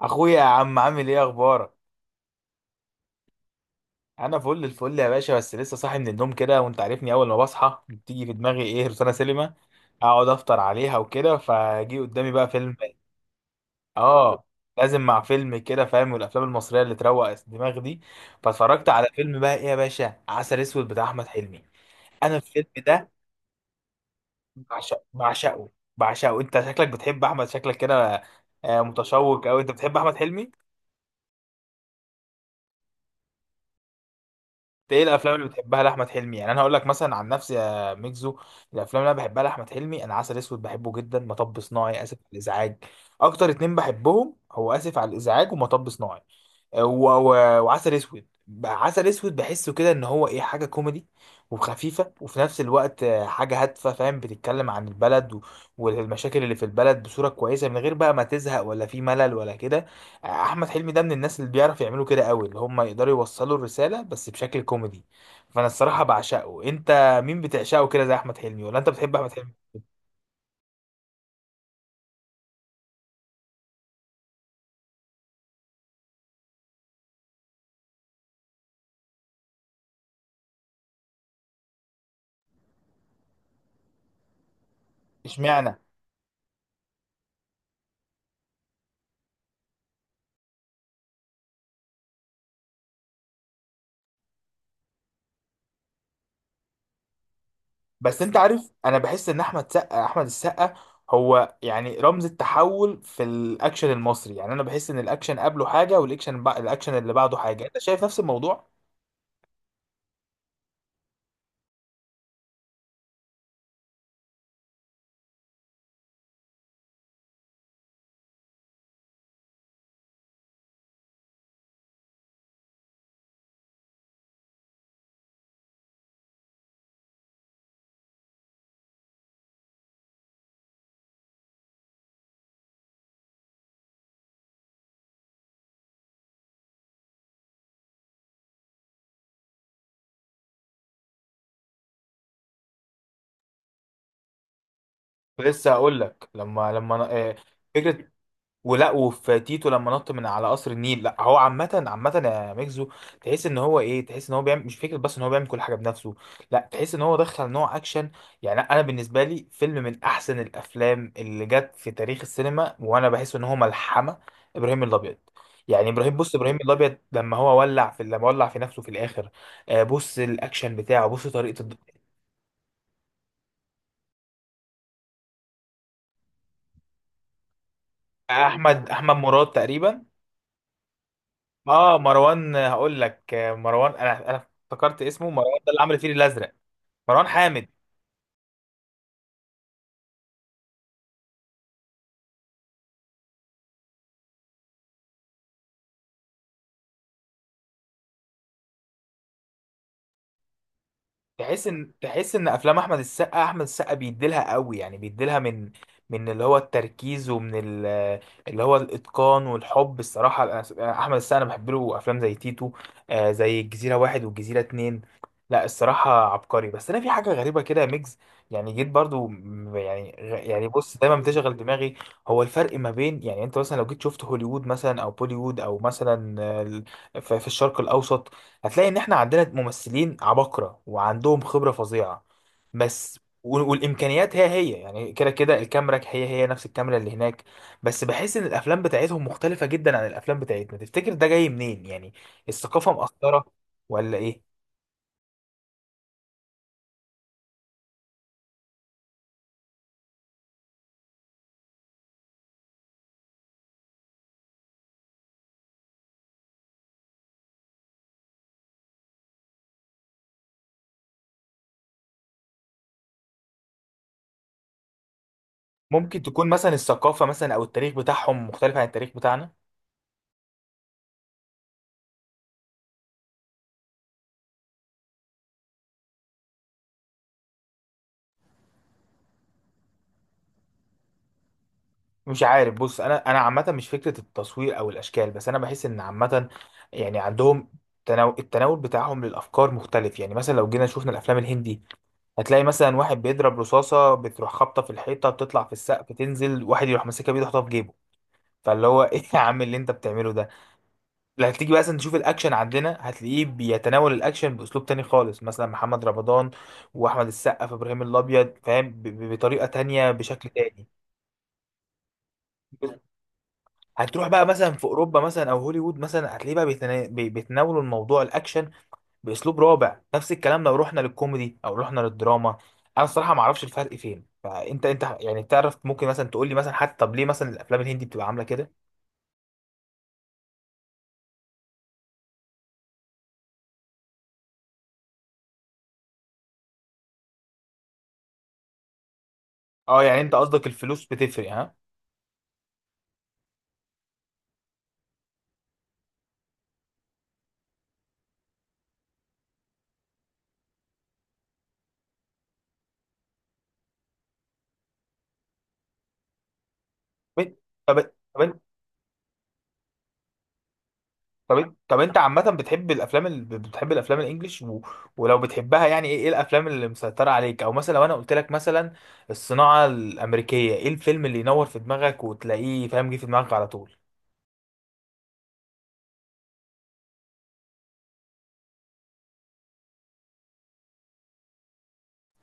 اخويا يا عم، عامل ايه؟ اخبارك؟ انا فل الفل يا باشا، بس لسه صاحي من النوم كده وانت عارفني. اول ما بصحى بتيجي في دماغي ايه؟ روتانا سينما. اقعد افطر عليها وكده، فجي قدامي بقى فيلم. اه، لازم مع فيلم كده فاهم، والافلام المصريه اللي تروق الدماغ دي. فاتفرجت على فيلم بقى ايه يا باشا؟ عسل اسود بتاع احمد حلمي. انا الفيلم ده بعشق، بعشقه، بعشقه. انت شكلك بتحب احمد، شكلك كده، متشوق، او انت بتحب احمد حلمي؟ ايه الافلام اللي بتحبها لاحمد حلمي؟ يعني انا هقول لك مثلا عن نفسي يا ميكزو. الافلام اللي انا بحبها لاحمد حلمي: انا عسل اسود بحبه جدا، مطب صناعي، اسف على الازعاج. اكتر اتنين بحبهم هو اسف على الازعاج ومطب صناعي، و... و... وعسل اسود. عسل اسود بحسه كده ان هو ايه، حاجه كوميدي وخفيفه، وفي نفس الوقت حاجه هادفه فاهم، بتتكلم عن البلد والمشاكل اللي في البلد بصوره كويسه، من غير بقى ما تزهق ولا في ملل ولا كده. احمد حلمي ده من الناس اللي بيعرف يعملوا كده قوي، اللي هم يقدروا يوصلوا الرساله بس بشكل كوميدي. فانا الصراحه بعشقه. انت مين بتعشقه كده زي احمد حلمي؟ ولا انت بتحب احمد حلمي؟ اشمعنى؟ بس انت عارف، انا بحس ان احمد سقا، احمد السقا، هو يعني رمز التحول في الاكشن المصري. يعني انا بحس ان الاكشن قبله حاجه، والاكشن الاكشن اللي بعده حاجه. انت شايف نفس الموضوع؟ لسه هقول لك. لما لما أنا... آه، فكره ولا. وفي تيتو لما نط من على قصر النيل. لا هو عامة، عامة يا ميكزو، تحس ان هو ايه، تحس ان هو بيعمل، مش فكرة بس ان هو بيعمل كل حاجة بنفسه، لا تحس ان هو دخل نوع اكشن. يعني انا بالنسبة لي فيلم من احسن الافلام اللي جت في تاريخ السينما، وانا بحس ان هو ملحمة. ابراهيم الابيض، يعني ابراهيم، بص ابراهيم الابيض لما هو ولع في، لما ولع في نفسه في الاخر. بص الاكشن بتاعه، بص طريقة احمد مراد تقريبا. اه مروان، هقول لك مروان، انا افتكرت اسمه مروان، ده اللي عمل الفيل الازرق. مروان حامد. تحس ان، تحس ان افلام احمد السقا، احمد السقا بيديلها قوي. يعني بيديلها من، من اللي هو التركيز ومن اللي هو الاتقان والحب. الصراحه احمد السقا، انا بحب له افلام زي تيتو، زي الجزيره واحد والجزيره اتنين. لا الصراحه عبقري. بس انا في حاجه غريبه كده يا ميجز، يعني جيت برضو، يعني يعني بص، دايما بتشغل دماغي. هو الفرق ما بين، يعني انت مثلا لو جيت شفت هوليوود مثلا او بوليوود، او مثلا في في الشرق الاوسط، هتلاقي ان احنا عندنا ممثلين عباقرة وعندهم خبرة فظيعة. بس والامكانيات هي هي، يعني كده كده الكاميرا هي هي نفس الكاميرا اللي هناك. بس بحس ان الافلام بتاعتهم مختلفة جدا عن الافلام بتاعتنا. تفتكر ده جاي منين يعني؟ الثقافة مأثرة ولا ايه؟ ممكن تكون مثلا الثقافة، مثلا او التاريخ بتاعهم مختلف عن التاريخ بتاعنا. مش عارف، بص، انا عامة مش فكرة التصوير او الاشكال، بس انا بحس ان عامة يعني عندهم التناول بتاعهم للافكار مختلف. يعني مثلا لو جينا شفنا الافلام الهندي، هتلاقي مثلا واحد بيضرب رصاصة بتروح خابطة في الحيطة بتطلع في السقف تنزل واحد يروح ماسكها بيده يحطها في جيبه. فاللي هو ايه يا عم اللي انت بتعمله ده؟ لو هتيجي بقى مثلا تشوف الاكشن عندنا هتلاقيه بيتناول الاكشن باسلوب تاني خالص، مثلا محمد رمضان واحمد السقا في ابراهيم الابيض فاهم، بطريقة تانية، بشكل تاني. هتروح بقى مثلا في اوروبا مثلا او هوليوود مثلا هتلاقيه بقى بيتناولوا الموضوع الاكشن باسلوب رابع. نفس الكلام لو رحنا للكوميدي او رحنا للدراما. انا الصراحه ما اعرفش الفرق فين. فانت يعني تعرف؟ ممكن مثلا تقول لي مثلا، حتى طب ليه مثلا الافلام الهندي بتبقى عامله كده؟ اه يعني انت قصدك الفلوس بتفرق؟ ها. طب طب طب طب, انت عامه بتحب الافلام بتحب الافلام الانجليش ولو بتحبها، يعني ايه، إيه الافلام اللي مسيطره عليك؟ او مثلا لو انا قلت لك مثلا الصناعه الامريكيه، ايه الفيلم اللي ينور في دماغك وتلاقيه فاهم جه في دماغك على طول؟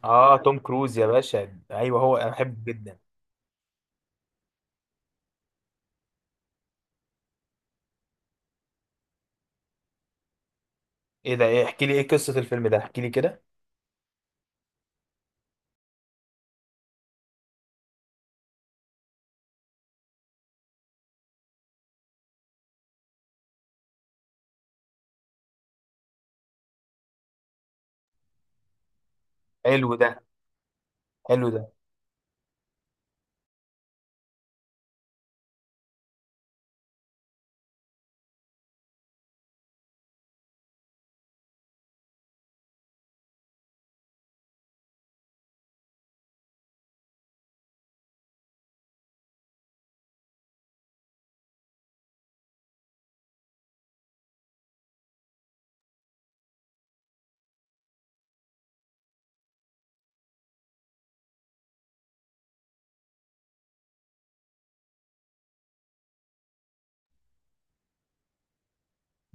اه توم كروز يا باشا، ايوه هو، انا بحبه جدا. ايه ده؟ ايه؟ احكي لي، ايه قصة الفيلم ده، احكي لي كده. حلو ده، حلو ده.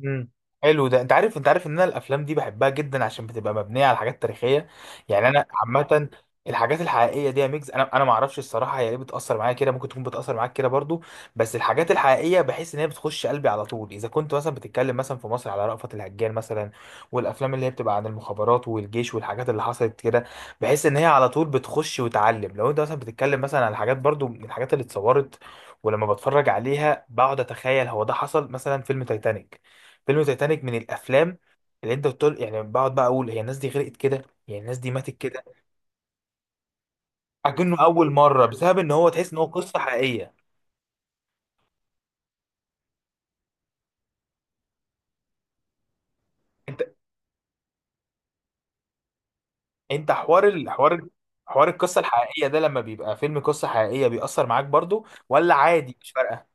امم، حلو ده. انت عارف، انت عارف ان انا الافلام دي بحبها جدا عشان بتبقى مبنيه على حاجات تاريخيه. يعني انا عامه الحاجات الحقيقيه دي يا ميجز، انا ما اعرفش الصراحه هي ليه بتاثر معايا كده، ممكن تكون بتاثر معاك كده برضو. بس الحاجات الحقيقيه بحس ان هي بتخش قلبي على طول. اذا كنت مثلا بتتكلم مثلا في مصر على رأفت الهجان مثلا، والافلام اللي هي بتبقى عن المخابرات والجيش والحاجات اللي حصلت كده، بحس ان هي على طول بتخش وتعلم. لو انت مثلا بتتكلم مثلا على حاجات برضو من الحاجات اللي اتصورت، ولما بتفرج عليها بقعد اتخيل هو ده حصل. مثلا فيلم تايتانيك، فيلم تايتانيك من الافلام اللي انت بتقول، يعني بقعد بقى اقول هي الناس دي غرقت كده، يعني الناس دي ماتت كده. اكنه اول مره بسبب ان هو تحس ان هو قصه حقيقيه. انت انت حوار، الحوار، حوار القصه الحقيقيه ده لما بيبقى فيلم قصه حقيقيه، بيأثر معاك برضو ولا عادي مش فارقه؟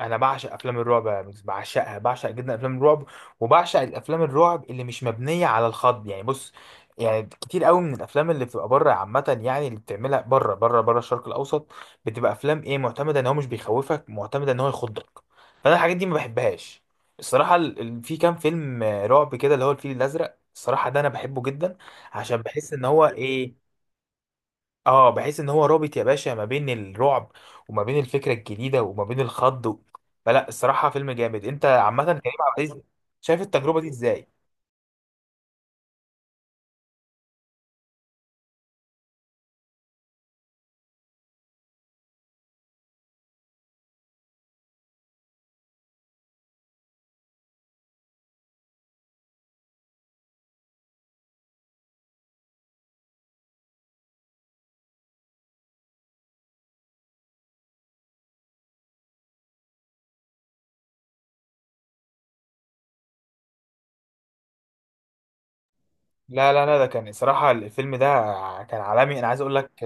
انا بعشق افلام الرعب يا ميكس، بعشقها، بعشق جدا افلام الرعب. وبعشق الافلام الرعب اللي مش مبنيه على الخض. يعني بص، يعني كتير قوي من الافلام اللي بتبقى بره عامه، يعني اللي بتعملها بره، بره بره الشرق الاوسط، بتبقى افلام ايه، معتمده ان هو مش بيخوفك، معتمده ان هو يخضك. فانا الحاجات دي ما بحبهاش. الصراحه في كام فيلم رعب كده، اللي هو الفيل الازرق، الصراحه ده انا بحبه جدا. عشان بحس ان هو ايه، اه بحيث ان هو رابط يا باشا ما بين الرعب، وما بين الفكره الجديده، وما بين الخض فلا الصراحه فيلم جامد. انت عامه كريم عبد العزيز شايف التجربه دي ازاي؟ لا لا لا، ده كان صراحة الفيلم ده كان عالمي. انا عايز اقول لك،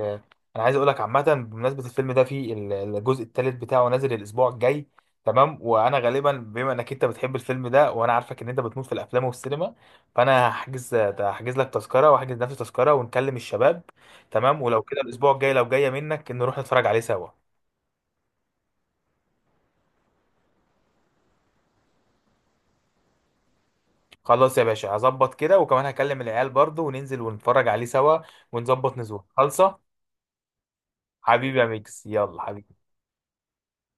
انا عايز اقول لك عامة، بمناسبة الفيلم ده في الجزء الثالث بتاعه نازل الاسبوع الجاي. تمام؟ وانا غالبا بما انك انت بتحب الفيلم ده، وانا عارفك ان انت بتموت في الافلام والسينما، فانا هحجز، هحجز لك تذكرة واحجز نفسي تذكرة ونكلم الشباب. تمام؟ ولو كده الاسبوع الجاي لو جاية منك نروح نتفرج عليه سوا. خلاص يا باشا، هظبط كده وكمان هكلم العيال برضه، وننزل ونتفرج عليه سوا، ونظبط نزول خالصة. حبيبي يا ميكس، يلا حبيبي.